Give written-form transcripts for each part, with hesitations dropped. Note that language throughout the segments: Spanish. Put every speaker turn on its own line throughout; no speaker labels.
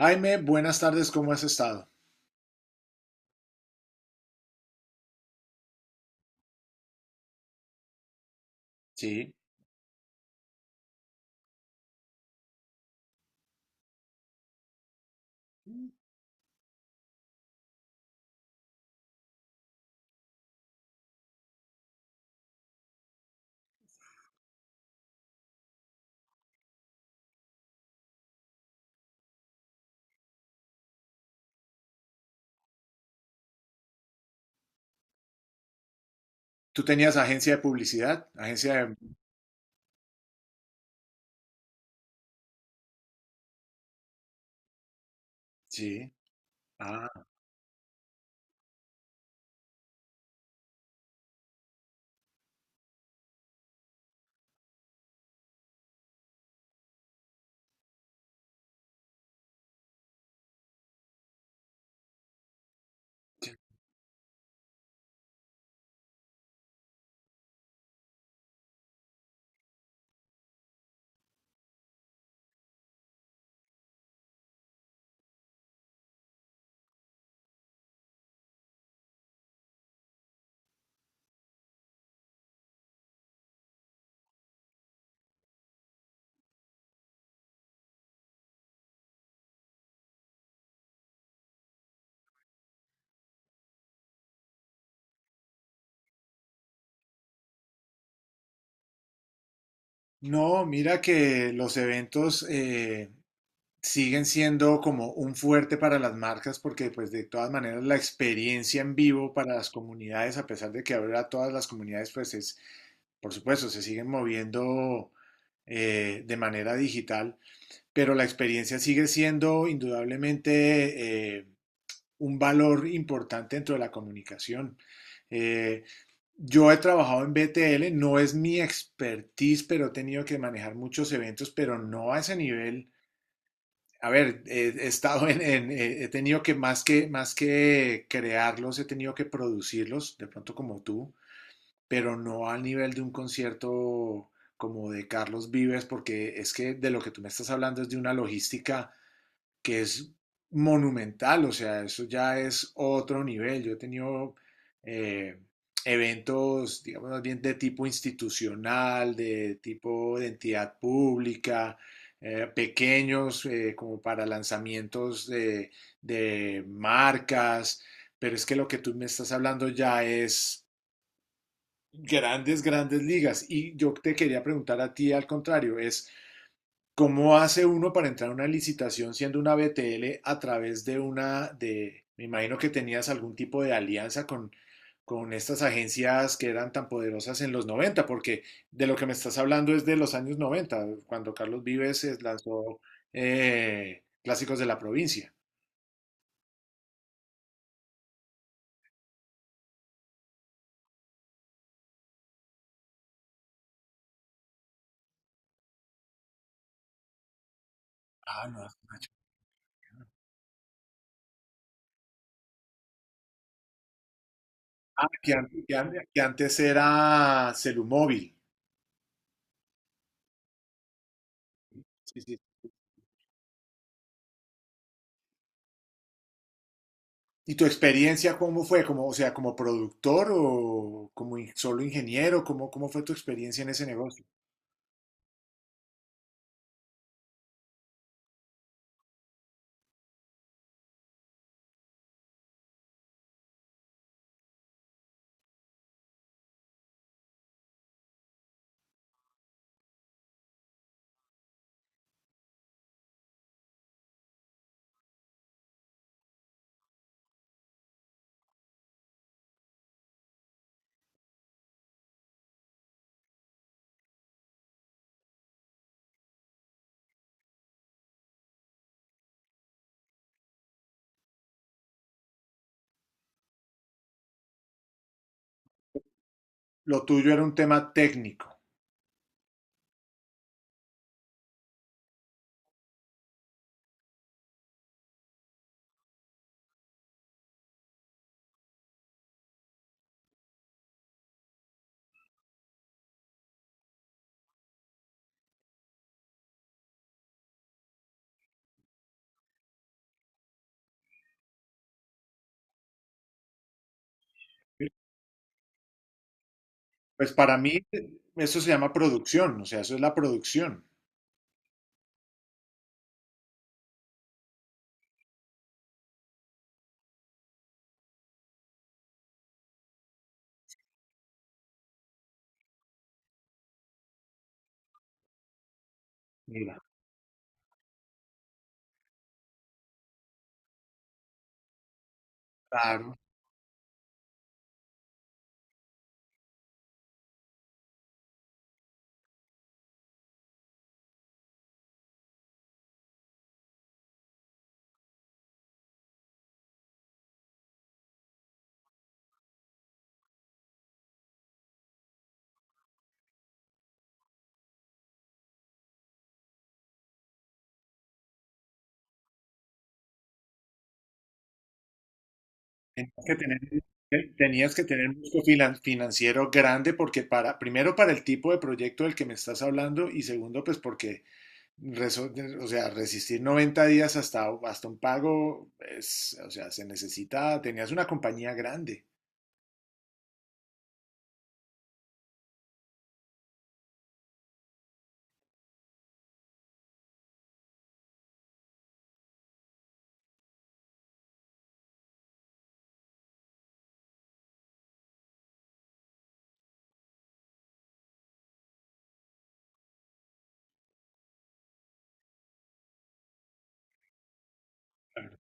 Jaime, buenas tardes, ¿cómo has estado? Sí. ¿Tú tenías agencia de publicidad? Agencia de... Sí. Ah, ok. No, mira que los eventos siguen siendo como un fuerte para las marcas, porque pues de todas maneras la experiencia en vivo para las comunidades, a pesar de que ahora todas las comunidades por supuesto, se siguen moviendo de manera digital, pero la experiencia sigue siendo indudablemente... un valor importante dentro de la comunicación. Eh, yo he trabajado en BTL, no es mi expertise, pero he tenido que manejar muchos eventos, pero no a ese nivel. A ver, he estado en he tenido que más que crearlos, he tenido que producirlos, de pronto como tú, pero no al nivel de un concierto como de Carlos Vives, porque es que de lo que tú me estás hablando es de una logística que es monumental, o sea, eso ya es otro nivel. Yo he tenido eh, eventos, digamos, más bien de tipo institucional, de tipo de entidad pública, pequeños, como para lanzamientos de marcas, pero es que lo que tú me estás hablando ya es grandes, grandes ligas. Y yo te quería preguntar a ti al contrario, es ¿cómo hace uno para entrar a una licitación siendo una BTL a través de una de, me imagino que tenías algún tipo de alianza con estas agencias que eran tan poderosas en los noventa? Porque de lo que me estás hablando es de los años noventa, cuando Carlos Vives lanzó Clásicos de la Provincia. Ah, no. Ah, que antes, que antes era Celumóvil. Sí, sí. ¿Y tu experiencia cómo fue? Como, o sea, como productor o como in- solo ingeniero, cómo fue tu experiencia en ese negocio? Lo tuyo era un tema técnico. Pues para mí eso se llama producción, o sea, eso es la producción. Mira, claro. Tenías que tener, tenías que tener un músculo finan- financiero grande, porque para, primero para el tipo de proyecto del que me estás hablando, y segundo pues porque reso- o sea, resistir 90 días hasta, hasta un pago, es, o sea, se necesita, tenías una compañía grande. Claro.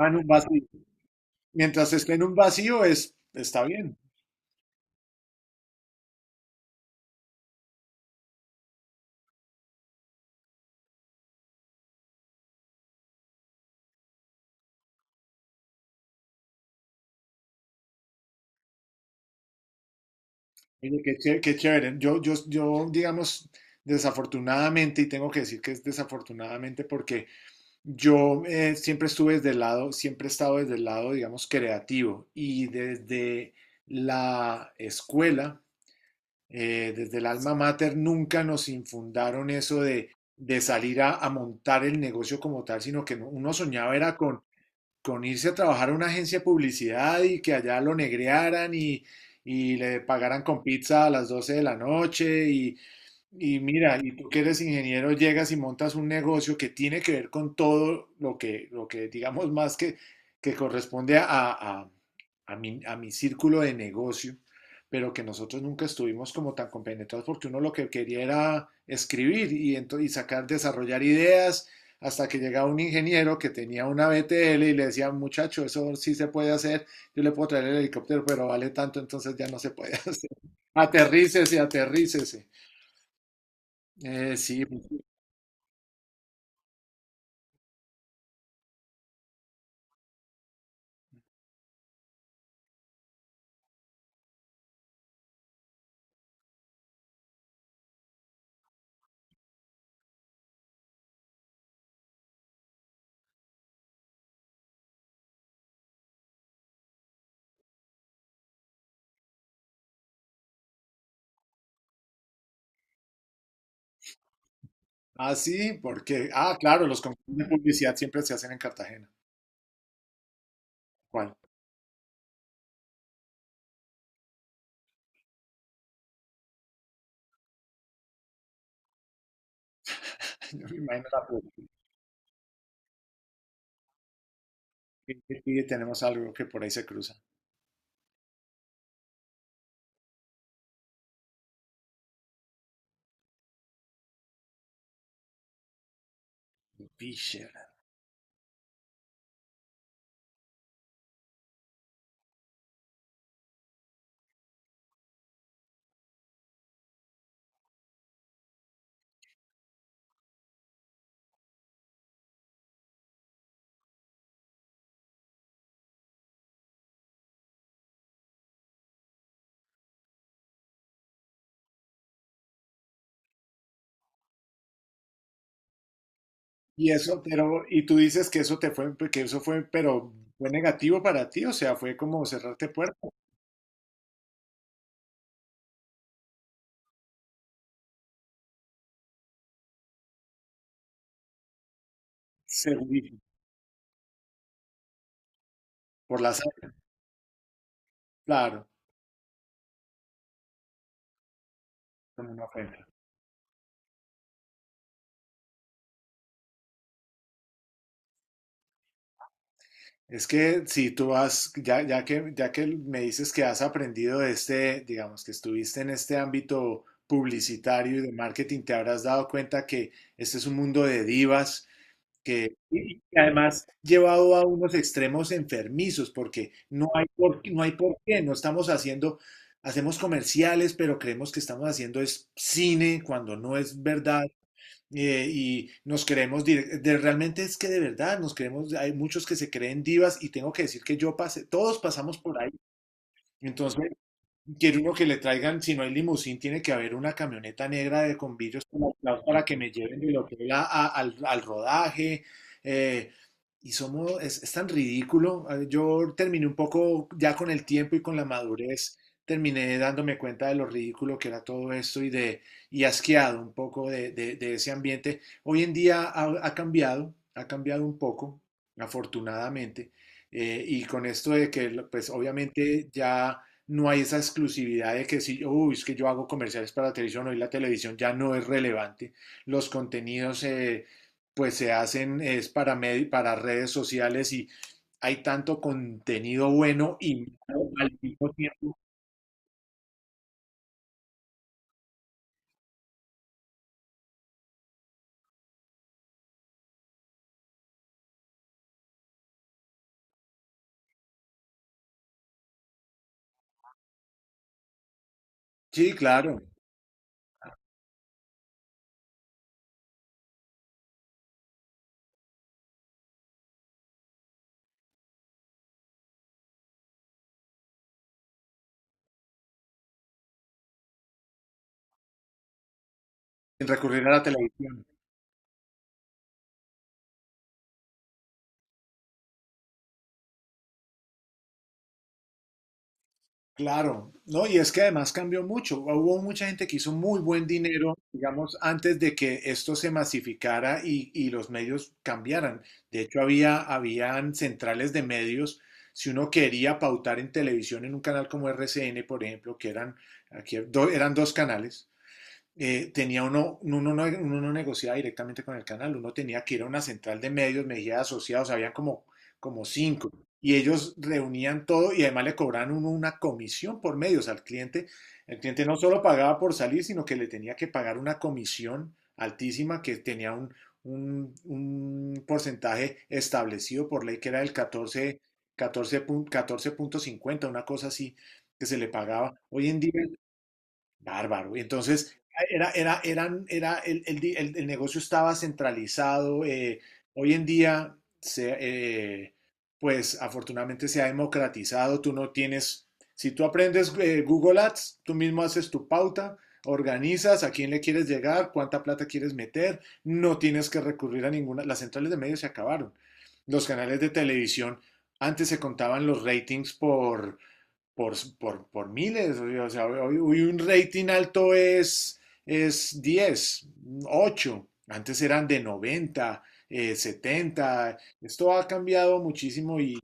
Ah, en un vacío. Mientras esté en un vacío, es, está bien. Oye, qué chévere, qué chévere. Yo, digamos, desafortunadamente, y tengo que decir que es desafortunadamente porque yo siempre estuve desde el lado, siempre he estado desde el lado, digamos, creativo, y desde la escuela, desde el alma mater, nunca nos infundaron eso de salir a montar el negocio como tal, sino que no- uno soñaba era con irse a trabajar a una agencia de publicidad y que allá lo negrearan y le pagaran con pizza a las 12 de la noche. Y mira, y tú que eres ingeniero, llegas y montas un negocio que tiene que ver con todo lo que digamos más que corresponde a mi círculo de negocio, pero que nosotros nunca estuvimos como tan compenetrados, porque uno lo que quería era escribir y, ento- y sacar, desarrollar ideas, hasta que llegaba un ingeniero que tenía una BTL y le decía: muchacho, eso sí se puede hacer, yo le puedo traer el helicóptero, pero vale tanto, entonces ya no se puede hacer. Aterrícese, aterrícese. Eh, sí, pues, ah, sí, porque, ah, claro, los concursos de publicidad siempre se hacen en Cartagena. ¿Cuál? Yo me imagino la publicidad. Y tenemos algo que por ahí se cruza. Fisher. Y eso, pero, y tú dices que eso te fue, que eso fue, pero fue negativo para ti, o sea, ¿fue como cerrarte puertas? Segurísimo, por la sangre, claro, como una ofensa. Es que si tú has, ya, ya que me dices que has aprendido de este, digamos que estuviste en este ámbito publicitario y de marketing, te habrás dado cuenta que este es un mundo de divas, que y que además llevado a unos extremos enfermizos, porque no hay por, no hay por qué, no estamos haciendo, hacemos comerciales, pero creemos que estamos haciendo es cine cuando no es verdad. Y nos queremos direc- de, realmente es que de verdad nos queremos, hay muchos que se creen divas, y tengo que decir que yo pasé, todos pasamos por ahí. Entonces, quiero uno que le traigan, si no hay limusín, tiene que haber una camioneta negra de con vidrios con aplaus para que me lleven del hotel a- al, al rodaje. eh, y somos, es tan ridículo. Yo terminé un poco ya con el tiempo y con la madurez, terminé dándome cuenta de lo ridículo que era todo esto y de, y asqueado un poco de ese ambiente. Hoy en día ha, ha cambiado un poco, afortunadamente. Y con esto de que, pues obviamente ya no hay esa exclusividad de que si, uy, es que yo hago comerciales para la televisión, hoy la televisión ya no es relevante, los contenidos pues se hacen es para, medi- para redes sociales, y hay tanto contenido bueno y malo al mismo tiempo. Sí, claro, sin recurrir a la televisión. Claro, ¿no? Y es que además cambió mucho. Hubo mucha gente que hizo muy buen dinero, digamos, antes de que esto se masificara y los medios cambiaran. De hecho, había, habían centrales de medios. Si uno quería pautar en televisión en un canal como RCN, por ejemplo, que eran, aquí, do- eran dos canales, tenía uno, uno no negociaba directamente con el canal, uno tenía que ir a una central de medios, Mejía Asociados, habían como, como cinco, y ellos reunían todo y además le cobraban uno una comisión por medios al cliente. El cliente no solo pagaba por salir, sino que le tenía que pagar una comisión altísima que tenía un porcentaje establecido por ley que era del 14, 14 punto cincuenta, una cosa así que se le pagaba. Hoy en día. Bárbaro. Y entonces, era, era, eran, era el di- el negocio estaba centralizado. Hoy en día, se, pues afortunadamente se ha democratizado. Tú no tienes, si tú aprendes Google Ads, tú mismo haces tu pauta, organizas a quién le quieres llegar, cuánta plata quieres meter. No tienes que recurrir a ninguna. Las centrales de medios se acabaron. Los canales de televisión, antes se contaban los ratings por, por miles. O sea, hoy, un rating alto es 10, 8. Antes eran de 90 70. Esto ha cambiado muchísimo y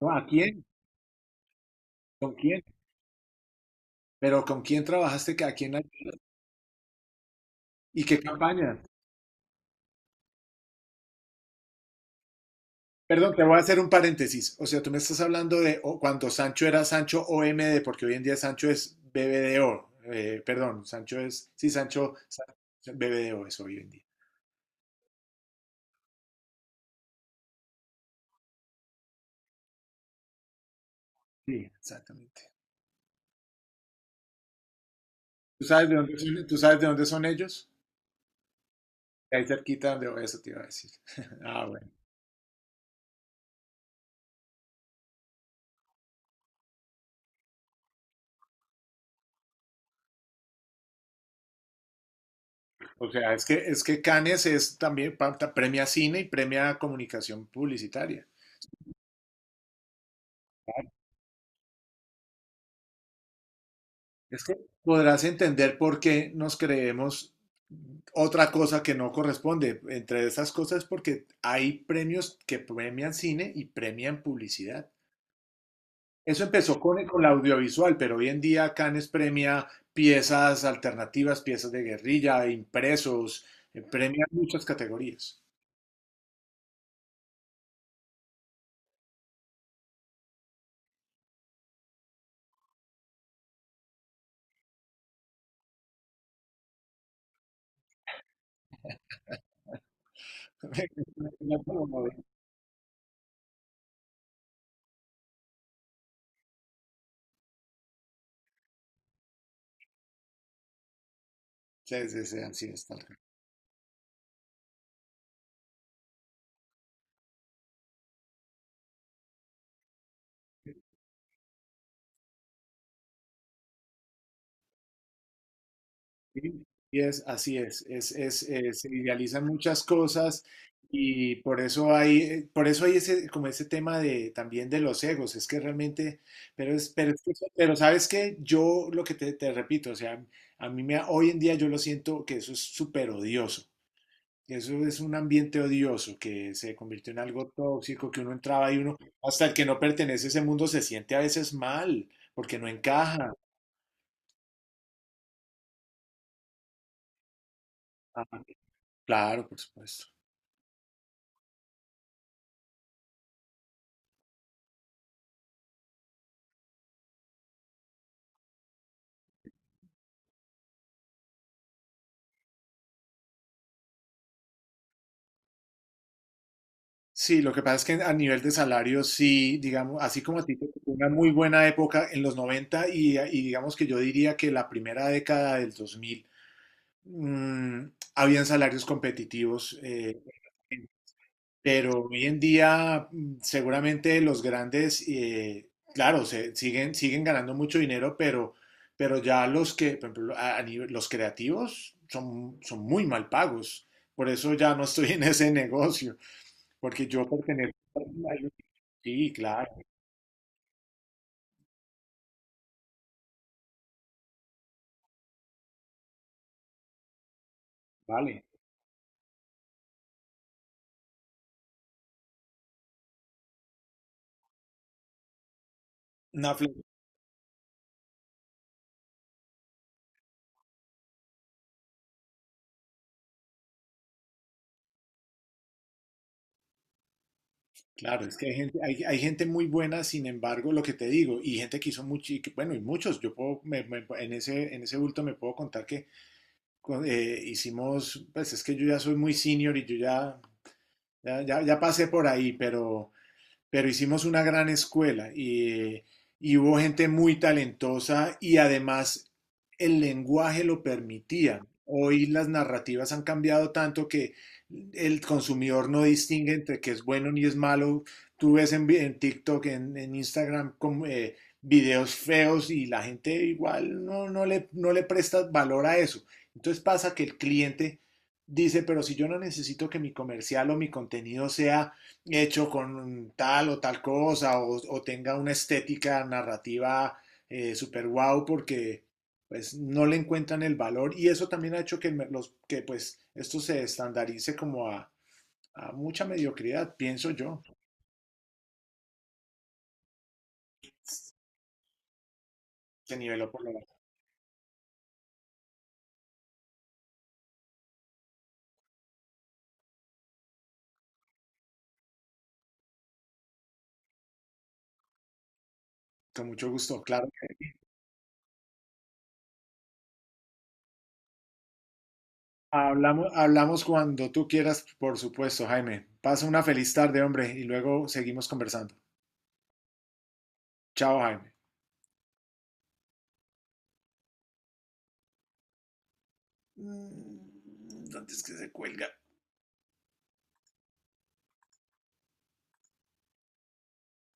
¿no? ¿A quién? ¿Con quién? Pero ¿con quién trabajaste? ¿A quién? ¿Hay? ¿Y qué campaña? Perdón, te voy a hacer un paréntesis. O sea, tú me estás hablando de o- cuando Sancho era Sancho o m d, porque hoy en día Sancho es BBDO. Perdón, Sancho es, sí, Sancho, Sancho- BBDO es hoy en día. Sí, exactamente. ¿Tú sabes de dónde son, tú sabes de dónde son ellos? De ahí cerquita, donde eso te iba a decir. Ah, bueno. O sea, es que Cannes es también pa- ta- premia cine y premia comunicación publicitaria. Es que podrás entender por qué nos creemos otra cosa que no corresponde. Entre esas cosas porque hay premios que premian cine y premian publicidad. Eso empezó con la audiovisual, pero hoy en día Cannes premia piezas alternativas, piezas de guerrilla, impresos, premia muchas categorías. Sí, sí, sí, así está. Sí, y es, así es, se idealizan muchas cosas, y por eso hay ese, como ese tema de, también de los egos, es que realmente, pero, es que eso- pero sabes que yo lo que te repito, o sea, a mí me, hoy en día yo lo siento que eso es súper odioso, que eso es un ambiente odioso, que se convirtió en algo tóxico, que uno entraba y uno, hasta el que no pertenece a ese mundo se siente a veces mal, porque no encaja. Ah, claro, por supuesto. Sí, lo que pasa es que a nivel de salario, sí, digamos, así como a ti te tocó una muy buena época en los 90 y digamos que yo diría que la primera década del 2000, mm, habían salarios competitivos, pero hoy en día seguramente los grandes, claro, se, siguen, siguen ganando mucho dinero, pero ya los que, por ejemplo, a nivel- los creativos son, son muy mal pagos, por eso ya no estoy en ese negocio. Porque yo pertenezco a algo- sí, claro, vale. Una fle- claro, es que hay gente, hay gente muy buena, sin embargo, lo que te digo, y gente que hizo mucho, y que- bueno, y muchos, yo puedo, me- me- en ese bulto me puedo contar que con- hicimos, pues es que yo ya soy muy senior y yo ya, ya, ya, ya pasé por ahí, pero hicimos una gran escuela y hubo gente muy talentosa, y además el lenguaje lo permitía. Hoy las narrativas han cambiado tanto que el consumidor no distingue entre que es bueno ni es malo. Tú ves en TikTok, en Instagram, como, videos feos, y la gente igual no, no, le, no le presta valor a eso. Entonces pasa que el cliente dice, pero si yo no necesito que mi comercial o mi contenido sea hecho con tal o tal cosa, o tenga una estética narrativa super wow, porque pues no le encuentran el valor, y eso también ha hecho que, me- los, que pues esto se estandarice como a mucha mediocridad, pienso yo. Se niveló por lo bajo. Con mucho gusto, claro. Hablamos, hablamos cuando tú quieras, por supuesto, Jaime. Pasa una feliz tarde, hombre, y luego seguimos conversando. Chao, Jaime. Mm, ¿dónde es que se cuelga?